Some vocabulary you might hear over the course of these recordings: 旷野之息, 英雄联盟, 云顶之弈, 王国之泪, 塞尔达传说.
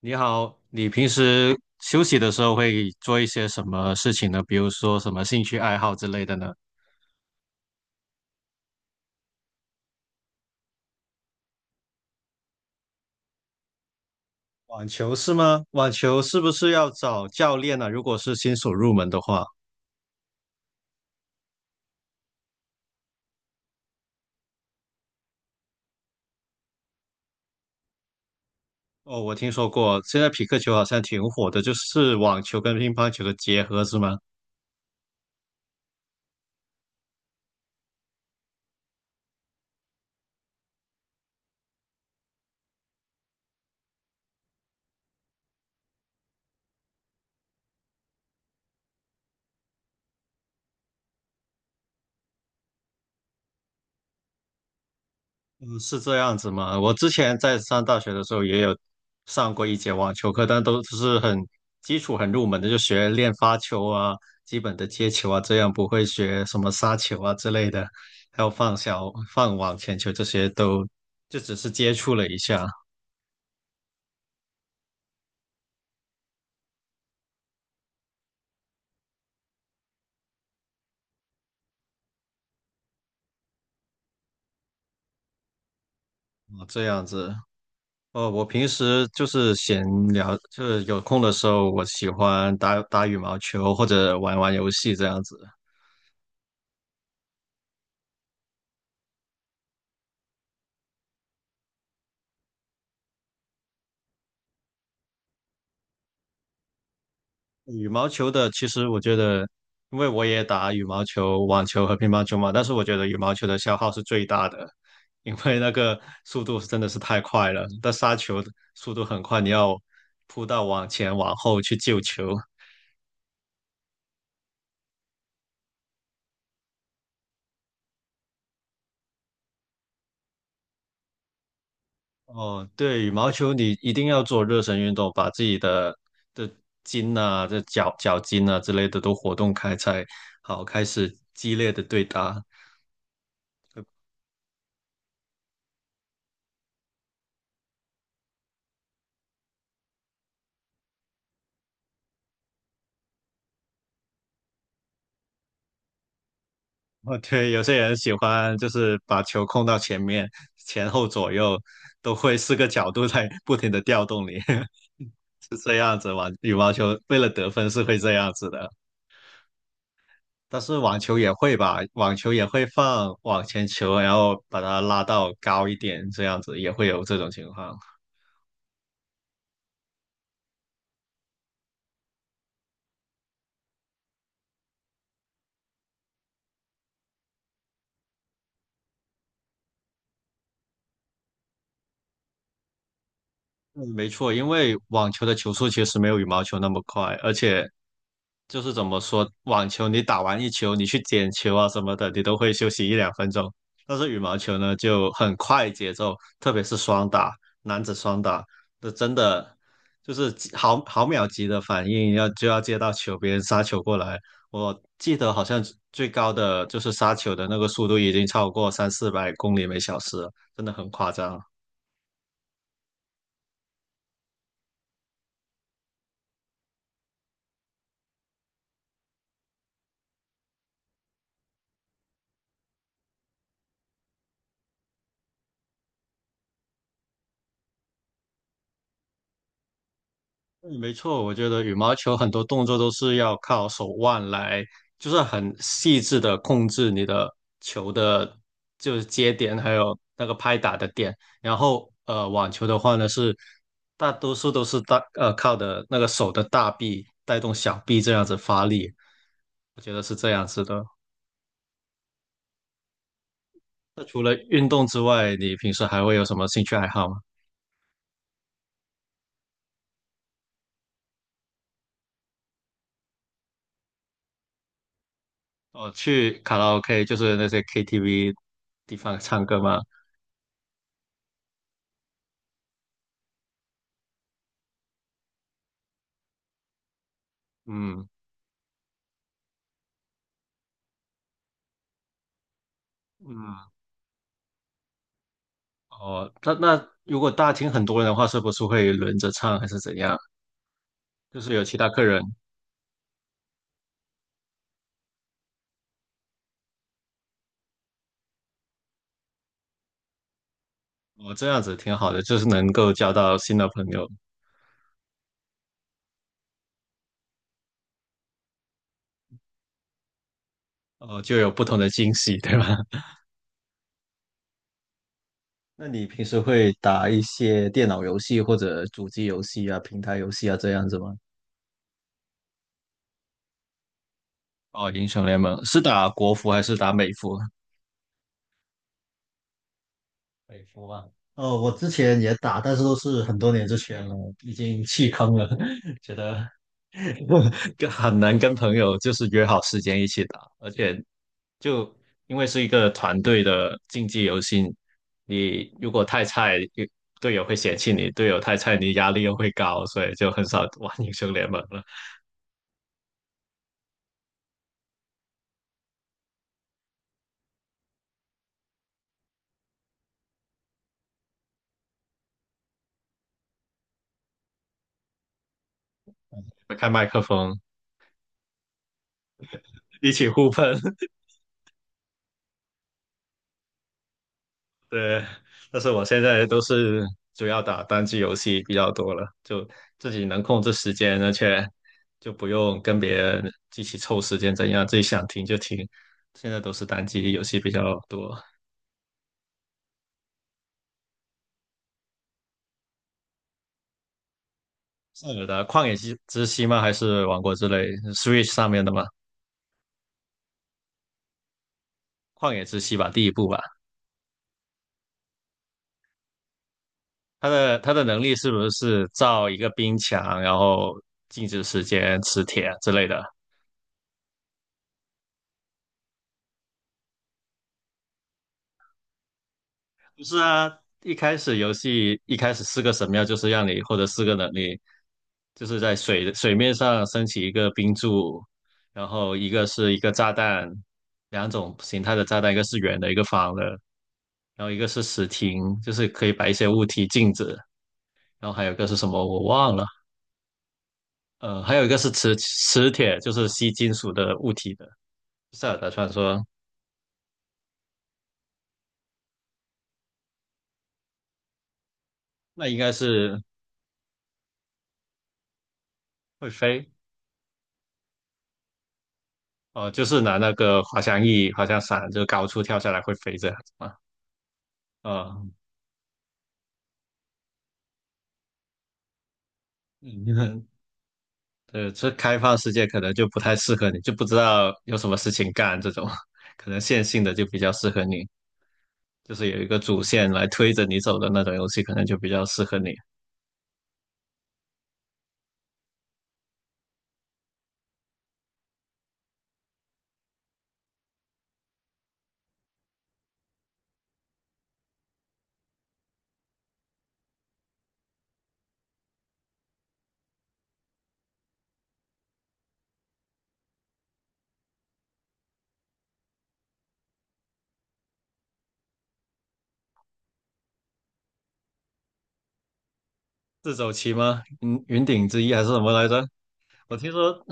你好，你平时休息的时候会做一些什么事情呢？比如说什么兴趣爱好之类的呢？网球是吗？网球是不是要找教练呢？如果是新手入门的话，哦，我听说过，现在匹克球好像挺火的，就是网球跟乒乓球的结合，是吗？嗯，是这样子吗？我之前在上大学的时候也有上过一节网球课，但都是很基础、很入门的，就学练发球啊、基本的接球啊，这样不会学什么杀球啊之类的，还有放小、放网前球这些都就只是接触了一下。哦，这样子。哦，我平时就是闲聊，就是有空的时候，我喜欢打打羽毛球或者玩玩游戏这样子。羽毛球的，其实我觉得，因为我也打羽毛球、网球和乒乓球嘛，但是我觉得羽毛球的消耗是最大的，因为那个速度是真的是太快了，那杀球的速度很快，你要扑到网前、往后去救球。哦，对，羽毛球你一定要做热身运动，把自己的的筋啊、这脚筋啊之类的都活动开，才好开始激烈的对打。哦，对，有些人喜欢就是把球控到前面、前后左右，都会四个角度在不停的调动你。啊，羽毛球为了得分是会这样子的，但是网球也会吧，网球也会放网前球，然后把它拉到高一点，这样子也会有这种情况。嗯，没错，因为网球的球速其实没有羽毛球那么快，而且就是怎么说，网球你打完一球，你去捡球啊什么的，你都会休息一两分钟。但是羽毛球呢，就很快节奏，特别是双打，男子双打，这真的就是几毫秒级的反应，要就要接到球，别人杀球过来。我记得好像最高的就是杀球的那个速度已经超过三四百公里每小时了，真的很夸张啊。嗯，没错，我觉得羽毛球很多动作都是要靠手腕来，就是很细致的控制你的球的，就是接点，还有那个拍打的点。然后，网球的话呢，是大多数都是大，靠的那个手的大臂带动小臂这样子发力，我觉得是这样子的。那除了运动之外，你平时还会有什么兴趣爱好吗？哦，去卡拉 OK，就是那些 KTV 地方唱歌吗？嗯嗯。哦，那那如果大厅很多人的话，是不是会轮着唱还是怎样？就是有其他客人，哦，这样子挺好的，就是能够交到新的朋友，哦，就有不同的惊喜，对吧？那你平时会打一些电脑游戏或者主机游戏啊、平台游戏啊这样子吗？哦，英雄联盟是打国服还是打美服？可以说吧。哦，我之前也打，但是都是很多年之前了，已经弃坑了，觉得 跟很难跟朋友就是约好时间一起打，而且就因为是一个团队的竞技游戏，你如果太菜，队友会嫌弃你；队友太菜，你压力又会高，所以就很少玩英雄联盟了。开麦克风，一起互喷。对，但是我现在都是主要打单机游戏比较多了，就自己能控制时间，而且就不用跟别人一起凑时间怎样，自己想停就停。现在都是单机游戏比较多。塞尔的，旷野之息吗？还是王国之泪 Switch 上面的吗？旷野之息吧，第一部吧。它的能力是不是造一个冰墙，然后静止时间、磁铁之类的？不是啊，一开始游戏一开始四个神庙就是让你获得四个能力，就是在水面上升起一个冰柱，然后一个是一个炸弹，两种形态的炸弹，一个是圆的，一个方的，然后一个是石亭，就是可以摆一些物体静止，然后还有一个是什么我忘了，还有一个是磁铁，就是吸金属的物体的。塞尔达传说那应该是会飞，哦，就是拿那个滑翔翼、滑翔伞，就高处跳下来会飞这样子嘛。啊、嗯，对，这开放世界可能就不太适合你，就不知道有什么事情干这种，可能线性的就比较适合你，就是有一个主线来推着你走的那种游戏，可能就比较适合你。自走棋吗？云顶之弈还是什么来着？我听说，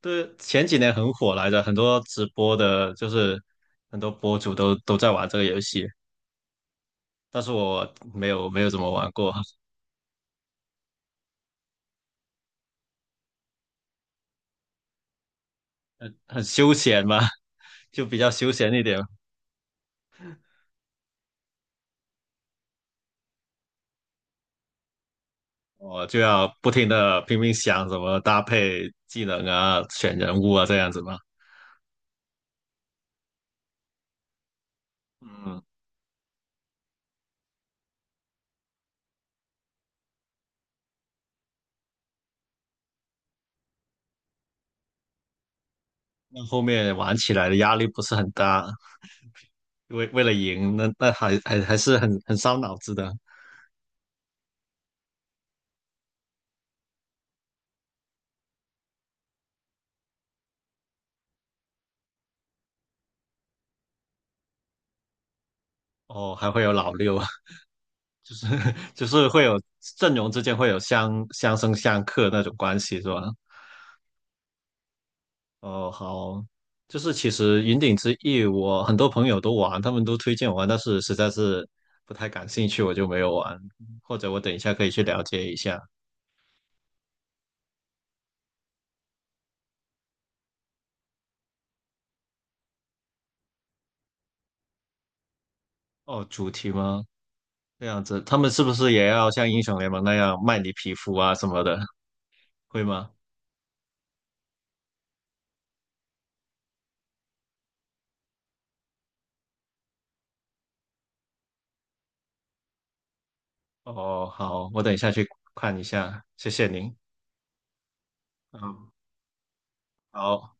对，前几年很火来着，很多直播的，就是很多博主都在玩这个游戏，但是我没有怎么玩过。很休闲嘛，就比较休闲一点。我就要不停的拼命想怎么搭配技能啊、选人物啊这样子嘛。嗯，那后面玩起来的压力不是很大，为了赢，那还是很伤脑子的。哦，还会有老六啊，就是就是会有阵容之间会有相生相克那种关系，是吧？哦，好，就是其实云顶之弈，我很多朋友都玩，他们都推荐我玩，但是实在是不太感兴趣，我就没有玩。或者我等一下可以去了解一下。哦，主题吗？这样子，他们是不是也要像英雄联盟那样卖你皮肤啊什么的？会吗？哦，好，我等一下去看一下，谢谢您。嗯，好。